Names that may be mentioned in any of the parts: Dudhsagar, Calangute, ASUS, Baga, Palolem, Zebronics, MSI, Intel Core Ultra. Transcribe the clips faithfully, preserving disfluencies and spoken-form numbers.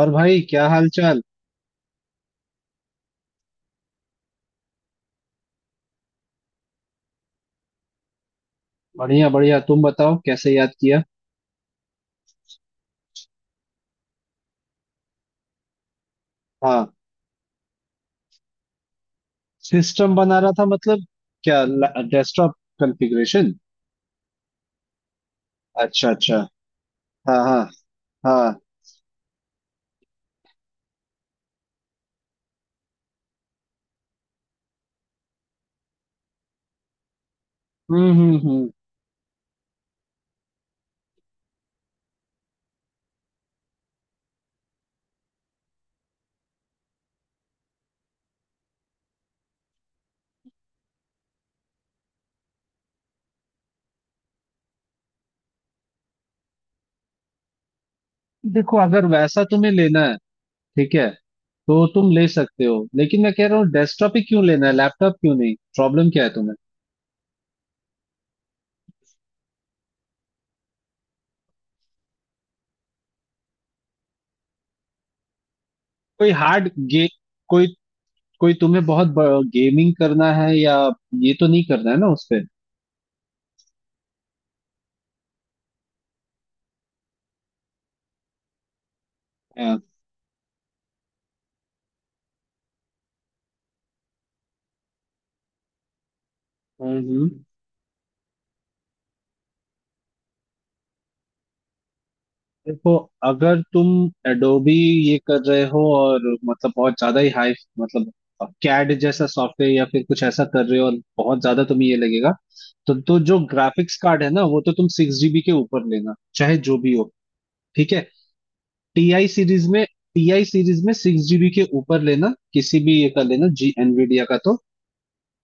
और भाई क्या हाल चाल। बढ़िया बढ़िया, तुम बताओ कैसे याद किया। हाँ। सिस्टम बना रहा था मतलब क्या? Desktop configuration? अच्छा अच्छा। हाँ हाँ। हाँ। हम्म हम्म हम्म। देखो अगर वैसा तुम्हें लेना है, ठीक है, तो तुम ले सकते हो, लेकिन मैं कह रहा हूँ डेस्कटॉप ही क्यों लेना है? लैपटॉप क्यों नहीं? प्रॉब्लम क्या है तुम्हें? कोई हार्ड गे कोई कोई तुम्हें बहुत गेमिंग करना है या ये तो नहीं करना है ना उस पे? हाँ। हम्म हम्म। देखो, अगर तुम एडोबी ये कर रहे हो और मतलब बहुत ज्यादा ही हाई, मतलब कैड जैसा सॉफ्टवेयर या फिर कुछ ऐसा कर रहे हो और बहुत ज्यादा तुम्हें ये लगेगा, तो, तो जो ग्राफिक्स कार्ड है ना वो तो तुम सिक्स जीबी के ऊपर लेना, चाहे जो भी हो। ठीक है, टीआई सीरीज में, टीआई सीरीज में सिक्स जीबी के ऊपर लेना, किसी भी ये कर लेना, जी एनवीडिया का तो।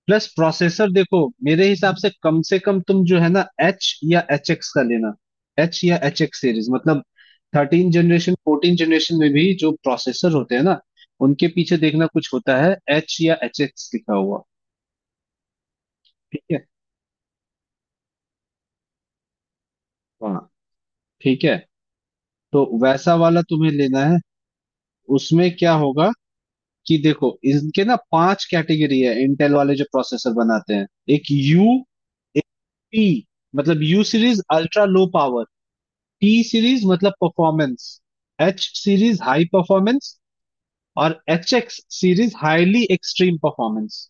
प्लस प्रोसेसर, देखो मेरे हिसाब से कम से कम तुम जो है ना एच या एच एक्स का लेना। एच या एच एक्स सीरीज मतलब थर्टीन जनरेशन फोर्टीन जनरेशन में भी जो प्रोसेसर होते हैं ना, उनके पीछे देखना कुछ होता है एच या एच एक्स लिखा हुआ। ठीक है। हाँ। ठीक है। तो वैसा वाला तुम्हें लेना है। उसमें क्या होगा कि देखो, इनके ना पांच कैटेगरी है, इंटेल वाले जो प्रोसेसर बनाते हैं। एक यू, एक पी, मतलब U series ultra low power, T series मतलब performance, H series high performance, और H X series highly extreme performance.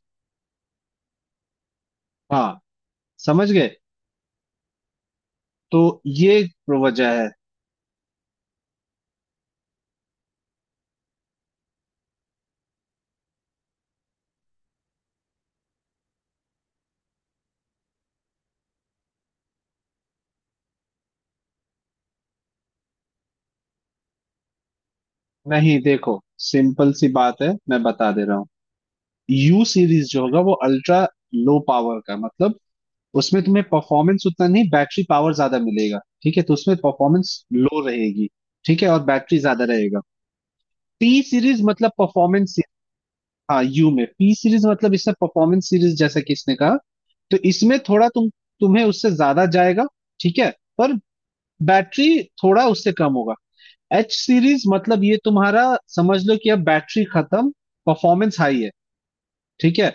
हाँ, समझ गए? तो ये वजह है। नहीं देखो, सिंपल सी बात है, मैं बता दे रहा हूँ। यू सीरीज जो होगा वो अल्ट्रा लो पावर का, मतलब उसमें तुम्हें परफॉर्मेंस उतना नहीं, बैटरी पावर ज्यादा मिलेगा। ठीक है, तो उसमें परफॉर्मेंस लो रहेगी। ठीक है, और बैटरी ज्यादा रहेगा। टी सीरीज मतलब परफॉर्मेंस। हाँ, यू में। पी सीरीज मतलब इसमें परफॉर्मेंस सीरीज, जैसा कि इसने कहा, तो इसमें थोड़ा तुम तुम्हें उससे ज्यादा जाएगा, ठीक है, पर बैटरी थोड़ा उससे कम होगा। एच सीरीज मतलब ये तुम्हारा समझ लो कि अब बैटरी खत्म, परफॉर्मेंस हाई है। ठीक है,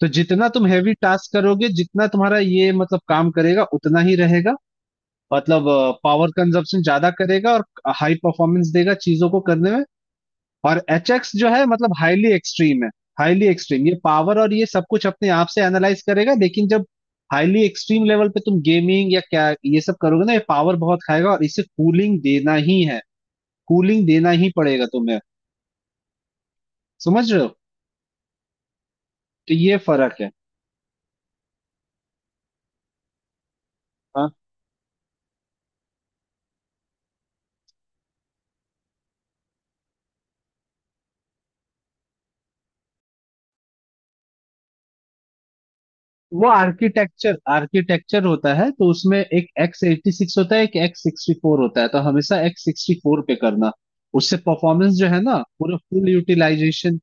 तो जितना तुम हैवी टास्क करोगे, जितना तुम्हारा ये मतलब काम करेगा उतना ही रहेगा। मतलब पावर कंजप्शन ज्यादा करेगा और हाई परफॉर्मेंस देगा चीजों को करने में। और एच एक्स जो है मतलब हाईली एक्सट्रीम है। हाईली एक्सट्रीम ये पावर और ये सब कुछ अपने आप से एनालाइज करेगा, लेकिन जब हाईली एक्सट्रीम लेवल पे तुम गेमिंग या क्या ये सब करोगे ना, ये पावर बहुत खाएगा और इसे कूलिंग देना ही है। कूलिंग देना ही पड़ेगा तुम्हें। समझ रहे हो? तो ये फर्क है। हाँ। वो आर्किटेक्चर आर्किटेक्चर होता है, तो उसमें एक एक्स एटी सिक्स होता है, एक एक्स सिक्सटी फोर होता है। तो हमेशा एक्स सिक्सटी फोर पे करना, उससे परफॉर्मेंस जो है ना पूरा, फुल यूटिलाइजेशन।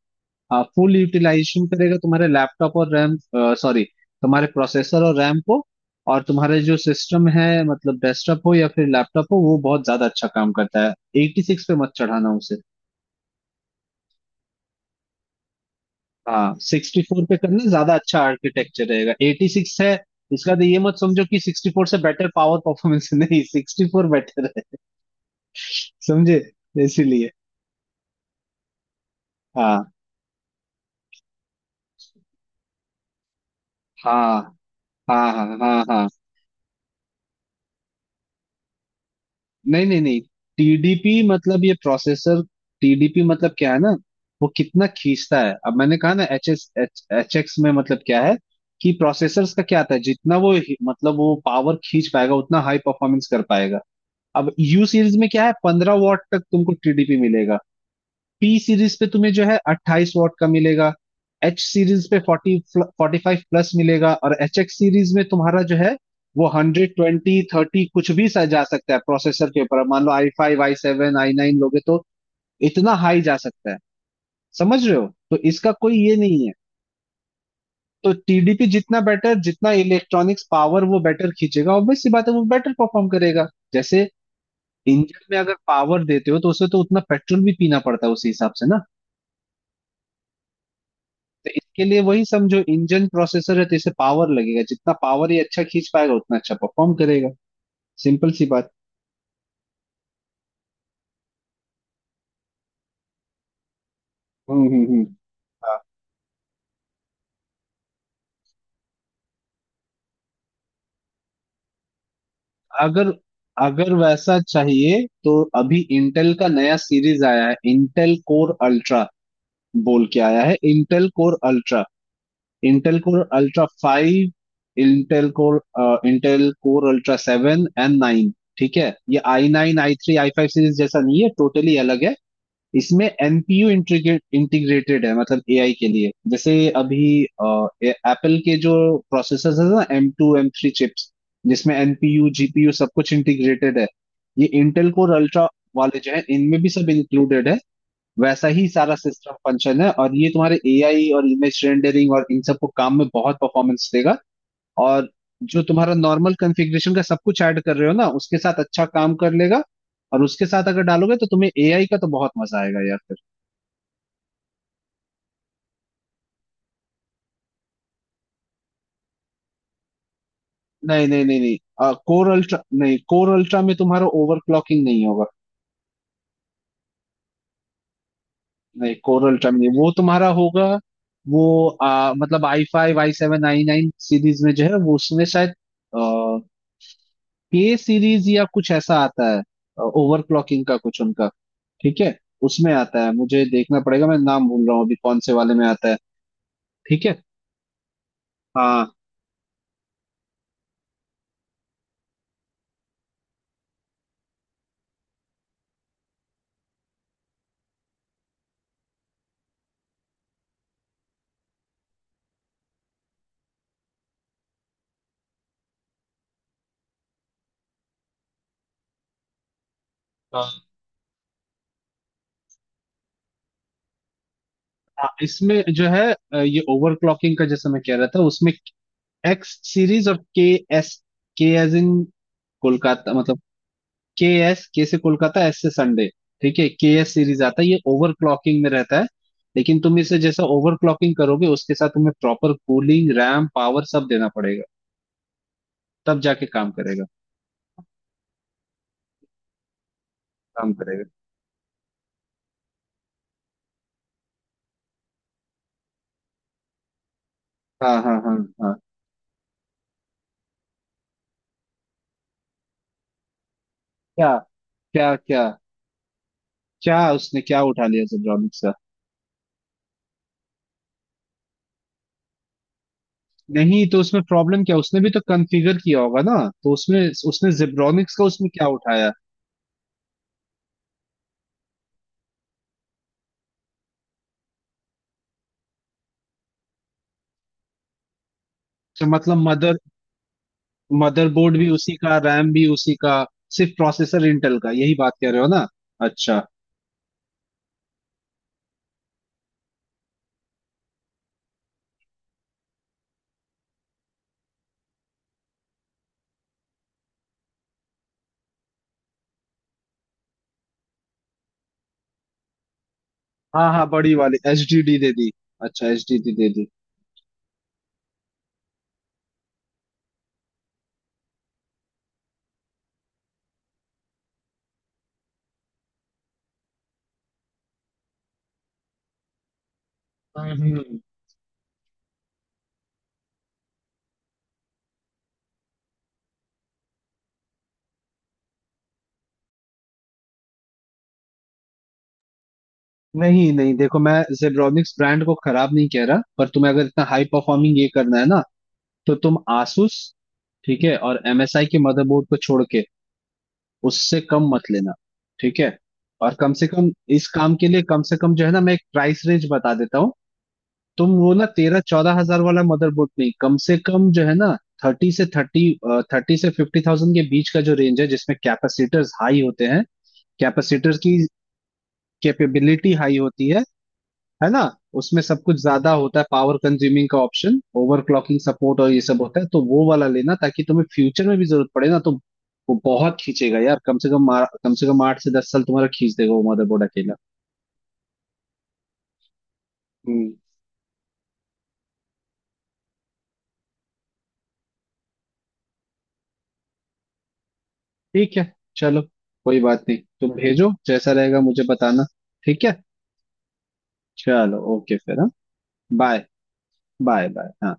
हाँ, फुल यूटिलाइजेशन करेगा तुम्हारे लैपटॉप और रैम, सॉरी, तुम्हारे प्रोसेसर और रैम को। और तुम्हारे जो सिस्टम है मतलब डेस्कटॉप हो या फिर लैपटॉप हो, वो बहुत ज्यादा अच्छा काम करता है। एट्टी सिक्स पे मत चढ़ाना उसे। हाँ, सिक्सटी फोर पे करना ज्यादा अच्छा आर्किटेक्चर रहेगा। एट्टी सिक्स है इसका, तो ये मत समझो कि सिक्सटी फोर से बेटर पावर परफॉर्मेंस। नहीं, सिक्सटी फोर बेटर है। समझे? इसीलिए। हाँ हाँ हाँ हाँ हाँ हाँ। नहीं नहीं नहीं, टीडीपी मतलब ये प्रोसेसर, टीडीपी मतलब क्या है ना, वो कितना खींचता है। अब मैंने कहा ना एच एस एच एक्स में मतलब क्या है कि प्रोसेसर्स का क्या आता है, जितना वो हि- मतलब वो पावर खींच पाएगा उतना हाई परफॉर्मेंस कर पाएगा। अब यू सीरीज में क्या है, पंद्रह वॉट तक तुमको टीडीपी मिलेगा। पी सीरीज पे तुम्हें जो है अट्ठाईस वॉट का मिलेगा। एच सीरीज पे फोर्टी फोर्टी फाइव प्लस मिलेगा, और एच एक्स सीरीज में तुम्हारा जो है वो वन ट्वेंटी थर्टी कुछ भी सा जा सकता है प्रोसेसर के ऊपर। मान लो I five I seven I nine लोगे तो इतना हाई जा सकता है। समझ रहे हो? तो इसका कोई ये नहीं है। तो टीडीपी जितना बेटर, जितना इलेक्ट्रॉनिक्स पावर वो बेटर खींचेगा, ऑब्वियस सी बात है, वो बेटर परफॉर्म करेगा। जैसे इंजन में अगर पावर देते हो तो उसे तो उतना पेट्रोल भी पीना पड़ता है, उसी हिसाब से ना। तो इसके लिए वही समझो, इंजन प्रोसेसर है, तो इसे पावर लगेगा, जितना पावर ये अच्छा खींच पाएगा उतना अच्छा परफॉर्म करेगा। सिंपल सी बात। हम्म हम्म हम्म। हाँ। अगर अगर वैसा चाहिए तो अभी इंटेल का नया सीरीज आया है, इंटेल कोर अल्ट्रा बोल के आया है। Intel core ultra, Intel core ultra five, Intel core Intel core ultra seven and nine. ठीक है, ये I nine I three I five series जैसा नहीं है, टोटली अलग है। इसमें एनपीयू इंटीग्रेट इंटीग्रेटेड है, मतलब एआई के लिए। जैसे अभी एप्पल के जो प्रोसेसर है ना M two M three chips, जिसमें एनपीयू जीपीयू सब कुछ इंटीग्रेटेड है, ये इंटेल कोर अल्ट्रा वाले जो है इनमें भी सब इंक्लूडेड है। वैसा ही सारा सिस्टम फंक्शन है, और ये तुम्हारे एआई और इमेज रेंडरिंग और इन सब को काम में बहुत परफॉर्मेंस देगा। और जो तुम्हारा नॉर्मल कॉन्फ़िगरेशन का सब कुछ ऐड कर रहे हो ना, उसके साथ अच्छा काम कर लेगा, और उसके साथ अगर डालोगे तो तुम्हें एआई का तो बहुत मजा आएगा यार। नहीं नहीं नहीं नहीं, कोर अल्ट्रा नहीं, कोर अल्ट्रा में तुम्हारा ओवरक्लॉकिंग नहीं होगा। नहीं, कोर अल्ट्रा में नहीं, वो तुम्हारा होगा। वो आ, मतलब I five I seven I nine series में जो है, वो उसमें शायद के सीरीज या कुछ ऐसा आता है, ओवरक्लॉकिंग का कुछ उनका। ठीक है, उसमें आता है, मुझे देखना पड़ेगा, मैं नाम भूल रहा हूँ अभी कौन से वाले में आता है। ठीक है। हाँ हाँ हाँ, इसमें जो है अ, ये ओवरक्लॉकिंग का जैसे मैं कह रहा था, उसमें एक्स सीरीज और के एस, के एज इन कोलकाता मतलब, के एस, के से कोलकाता, एस से संडे। ठीक है, के एस सीरीज आता है, ये ओवर क्लॉकिंग में रहता है, लेकिन तुम इसे जैसा ओवर क्लॉकिंग करोगे उसके साथ तुम्हें प्रॉपर कूलिंग रैम पावर सब देना पड़ेगा तब जाके काम करेगा। काम करेगा। हाँ हाँ हाँ हाँ। क्या? क्या क्या क्या उसने क्या उठा लिया जेब्रॉनिक्स का? नहीं, तो उसमें प्रॉब्लम क्या, उसने भी तो कॉन्फ़िगर किया होगा ना, तो उसमें उसने जेब्रॉनिक्स का उसमें क्या उठाया? तो मतलब मदर मदरबोर्ड भी उसी का, रैम भी उसी का, सिर्फ प्रोसेसर इंटेल का, यही बात कह रहे हो ना? अच्छा। हाँ हाँ, बड़ी वाली एच डी डी दे दी। अच्छा, एच डी डी दे दी। हम्म। नहीं नहीं, देखो, मैं जेब्रॉनिक्स ब्रांड को खराब नहीं कह रहा, पर तुम्हें अगर इतना हाई परफॉर्मिंग ये करना है ना, तो तुम आसूस, ठीक है, और एमएसआई के मदरबोर्ड को छोड़ के उससे कम मत लेना। ठीक है। और कम से कम इस काम के लिए, कम से कम जो है ना, मैं एक प्राइस रेंज बता देता हूँ। तुम वो ना तेरह चौदह हजार वाला मदरबोर्ड नहीं, कम से कम जो है ना थर्टी से थर्टी थर्टी से फिफ्टी थाउजेंड के बीच का जो रेंज है, जिसमें कैपेसिटर्स हाई होते हैं, कैपेसिटर्स की कैपेबिलिटी हाई होती है है ना। उसमें सब कुछ ज्यादा होता है, पावर कंज्यूमिंग का ऑप्शन, ओवरक्लॉकिंग सपोर्ट और ये सब होता है। तो वो वाला लेना ताकि तुम्हें फ्यूचर में भी जरूरत पड़े ना तो वो बहुत खींचेगा यार, कम से कम आ- कम से कम आठ से दस साल तुम्हारा खींच देगा वो मदरबोर्ड अकेला। ठीक है, चलो, कोई बात नहीं, तुम भेजो जैसा रहेगा मुझे बताना। ठीक है, चलो, ओके फिर, हाँ। बाय। बाय बाय, हाँ।